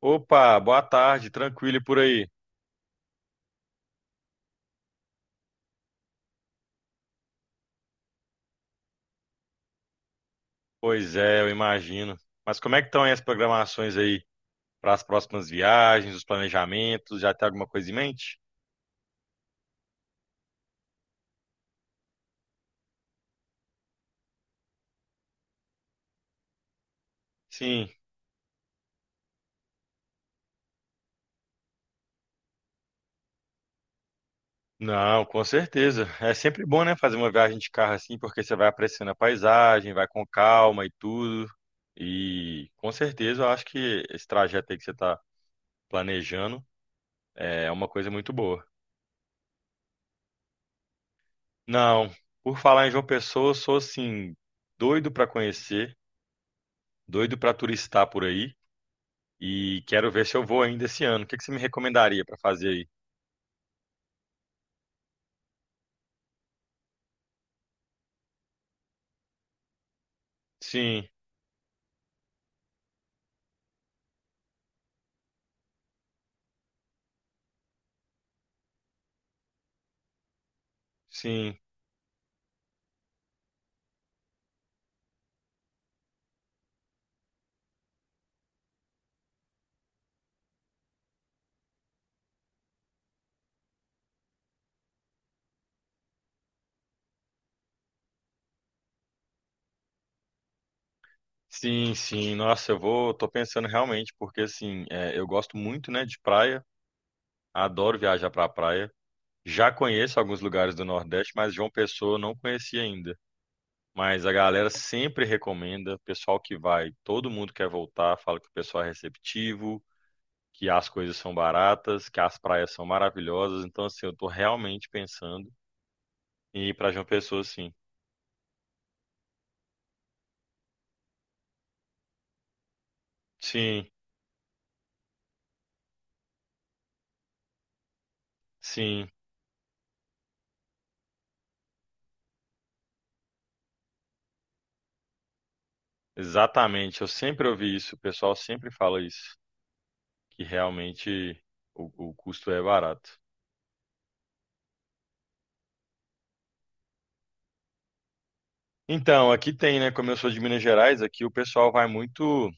Opa, boa tarde, tranquilo e por aí? Pois é, eu imagino. Mas como é que estão aí as programações aí para as próximas viagens, os planejamentos? Já tem alguma coisa em mente? Sim, não, com certeza. É sempre bom, né, fazer uma viagem de carro assim, porque você vai apreciando a paisagem, vai com calma e tudo. E com certeza eu acho que esse trajeto aí que você está planejando é uma coisa muito boa. Não, por falar em João Pessoa, eu sou assim, doido para conhecer, doido para turistar por aí. E quero ver se eu vou ainda esse ano. O que que você me recomendaria para fazer aí? Sim, sim, sim, sim. Nossa, eu vou, tô pensando realmente, porque assim, é, eu gosto muito, né, de praia, adoro viajar pra praia. Já conheço alguns lugares do Nordeste, mas João Pessoa eu não conheci ainda. Mas a galera sempre recomenda, o pessoal que vai, todo mundo quer voltar, fala que o pessoal é receptivo, que as coisas são baratas, que as praias são maravilhosas. Então, assim, eu tô realmente pensando em ir pra João Pessoa, sim. Sim, sim, exatamente. Eu sempre ouvi isso, o pessoal sempre fala isso, que realmente o custo é barato. Então, aqui tem, né? Como eu sou de Minas Gerais, aqui o pessoal vai muito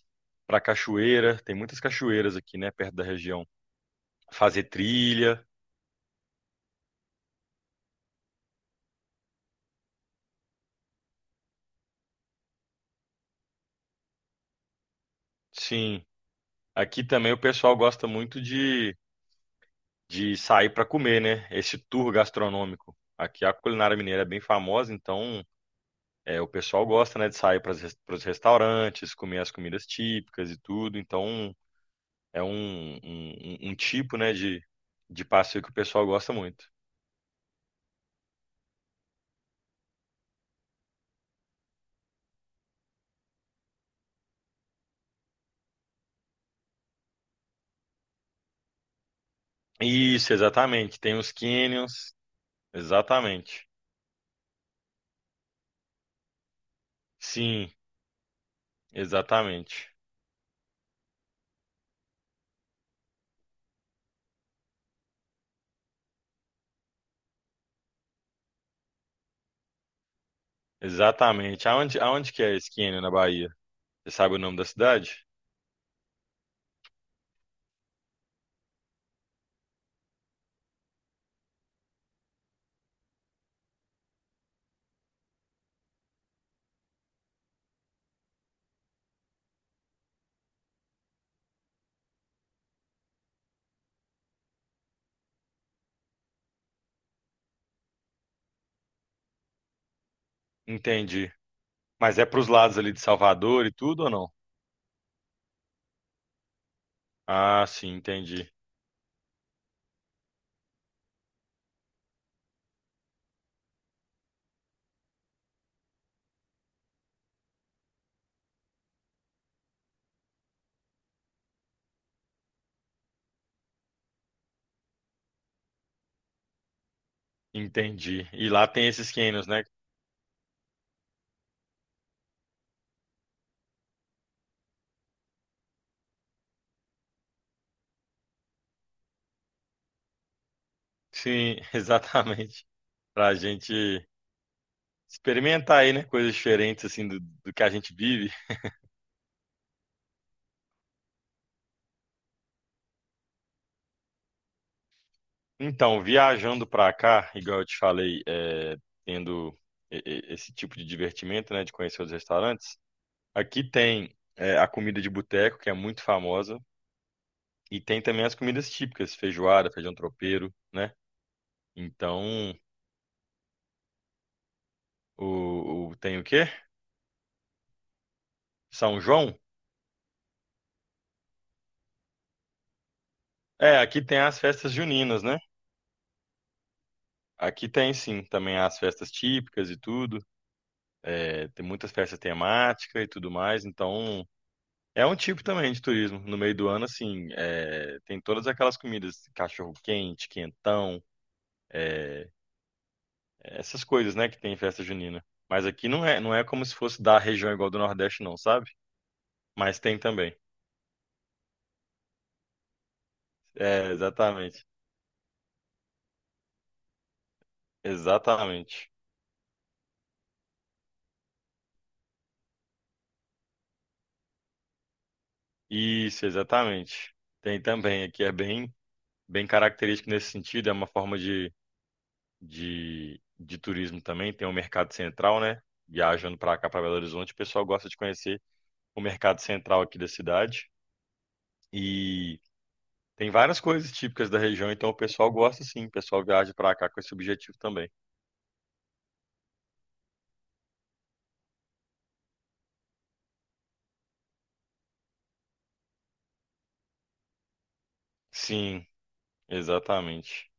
pra cachoeira, tem muitas cachoeiras aqui, né, perto da região. Fazer trilha, sim. Aqui também o pessoal gosta muito de sair pra comer, né? Esse tour gastronômico. Aqui a culinária mineira é bem famosa, então é, o pessoal gosta, né, de sair para os restaurantes, comer as comidas típicas e tudo. Então, é um, um tipo, né, de passeio que o pessoal gosta muito. Isso, exatamente. Tem os canyons, exatamente. Sim, exatamente. Exatamente. Aonde, aonde que é esse canyon na Bahia? Você sabe o nome da cidade? Entendi. Mas é pros lados ali de Salvador e tudo ou não? Ah, sim, entendi. Entendi. E lá tem esses canyons, né? Sim, exatamente. Pra gente experimentar aí, né? Coisas diferentes, assim, do que a gente vive. Então, viajando para cá, igual eu te falei, é, tendo esse tipo de divertimento, né, de conhecer os restaurantes, aqui tem é, a comida de boteco, que é muito famosa, e tem também as comidas típicas, feijoada, feijão tropeiro, né? Então, tem o quê? São João? É, aqui tem as festas juninas, né? Aqui tem sim, também as festas típicas e tudo, é, tem muitas festas temáticas e tudo mais, então é um tipo também de turismo. No meio do ano, assim, é, tem todas aquelas comidas, cachorro quente, quentão, essas coisas, né, que tem em festa junina. Mas aqui não é, não é como se fosse da região igual do Nordeste, não, sabe? Mas tem também. É, exatamente. Exatamente. Isso, exatamente. Tem também. Aqui é bem, bem característico nesse sentido. É uma forma de turismo também. Tem o mercado central, né? Viajando para cá, para Belo Horizonte, o pessoal gosta de conhecer o mercado central aqui da cidade. E tem várias coisas típicas da região, então o pessoal gosta sim, o pessoal viaja pra cá com esse objetivo também. Sim, exatamente.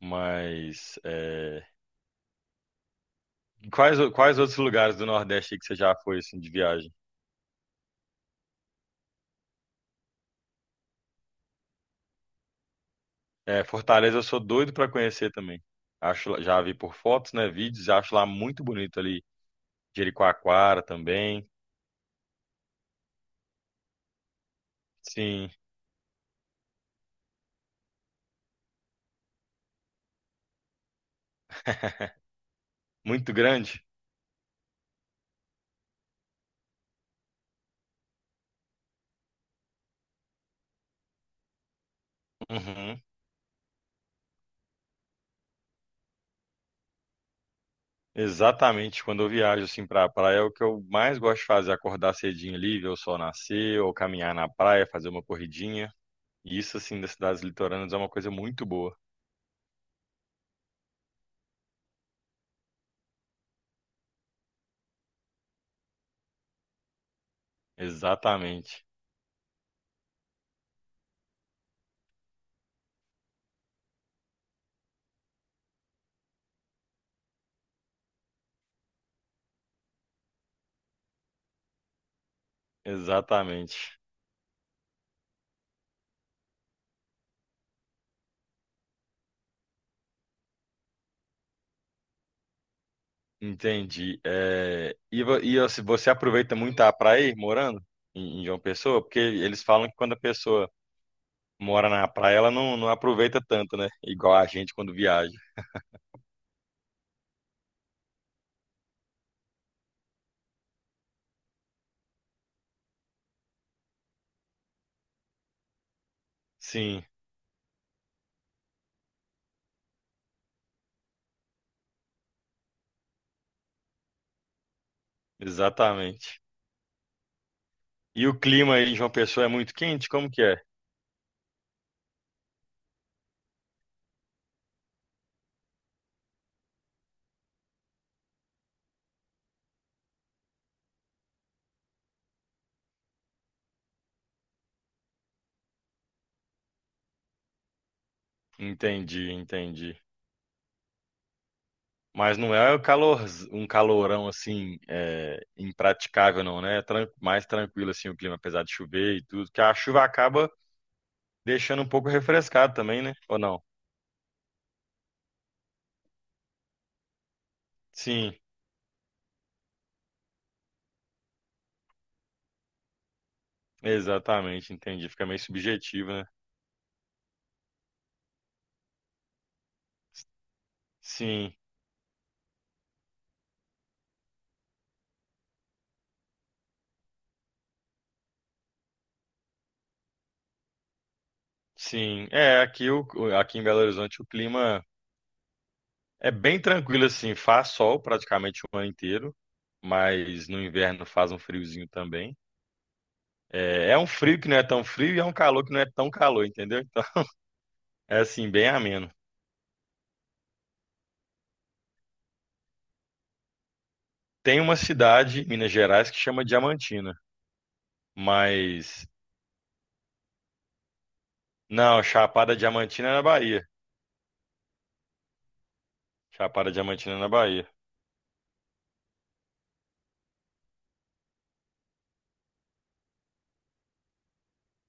Mas é, quais, quais outros lugares do Nordeste aí que você já foi assim de viagem? É, Fortaleza eu sou doido pra conhecer também. Acho, já vi por fotos, né, vídeos, acho lá muito bonito ali. Jericoacoara também. Sim, muito grande. Uhum. Exatamente, quando eu viajo assim pra praia, é o que eu mais gosto de fazer, é acordar cedinho ali, ver o sol nascer, ou caminhar na praia, fazer uma corridinha. E isso assim das cidades litorâneas é uma coisa muito boa. Exatamente, exatamente. Entendi. É, e, e você aproveita muito a praia aí, morando em, em João Pessoa? Porque eles falam que quando a pessoa mora na praia, ela não, não aproveita tanto, né? Igual a gente quando viaja. Sim, exatamente. E o clima aí em João Pessoa é muito quente? Como que é? Entendi, entendi. Mas não é o calor, um calorão assim, é, impraticável, não, né? É mais tranquilo assim o clima, apesar de chover e tudo, que a chuva acaba deixando um pouco refrescado também, né? Ou não? Sim, exatamente, entendi. Fica meio subjetivo, né? Sim, sim. É, aqui, o, aqui em Belo Horizonte o clima é bem tranquilo assim, faz sol praticamente o ano inteiro, mas no inverno faz um friozinho também. É, é um frio que não é tão frio e é um calor que não é tão calor, entendeu? Então, é assim, bem ameno. Tem uma cidade em Minas Gerais que chama Diamantina, mas não, Chapada Diamantina é na Bahia. Chapada Diamantina é na Bahia.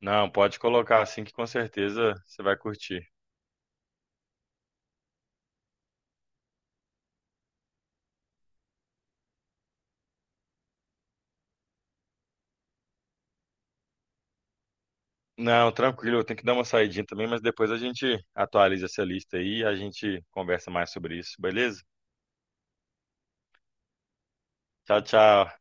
Não, pode colocar assim que com certeza você vai curtir. Não, tranquilo, eu tenho que dar uma saidinha também, mas depois a gente atualiza essa lista aí e a gente conversa mais sobre isso, beleza? Tchau, tchau.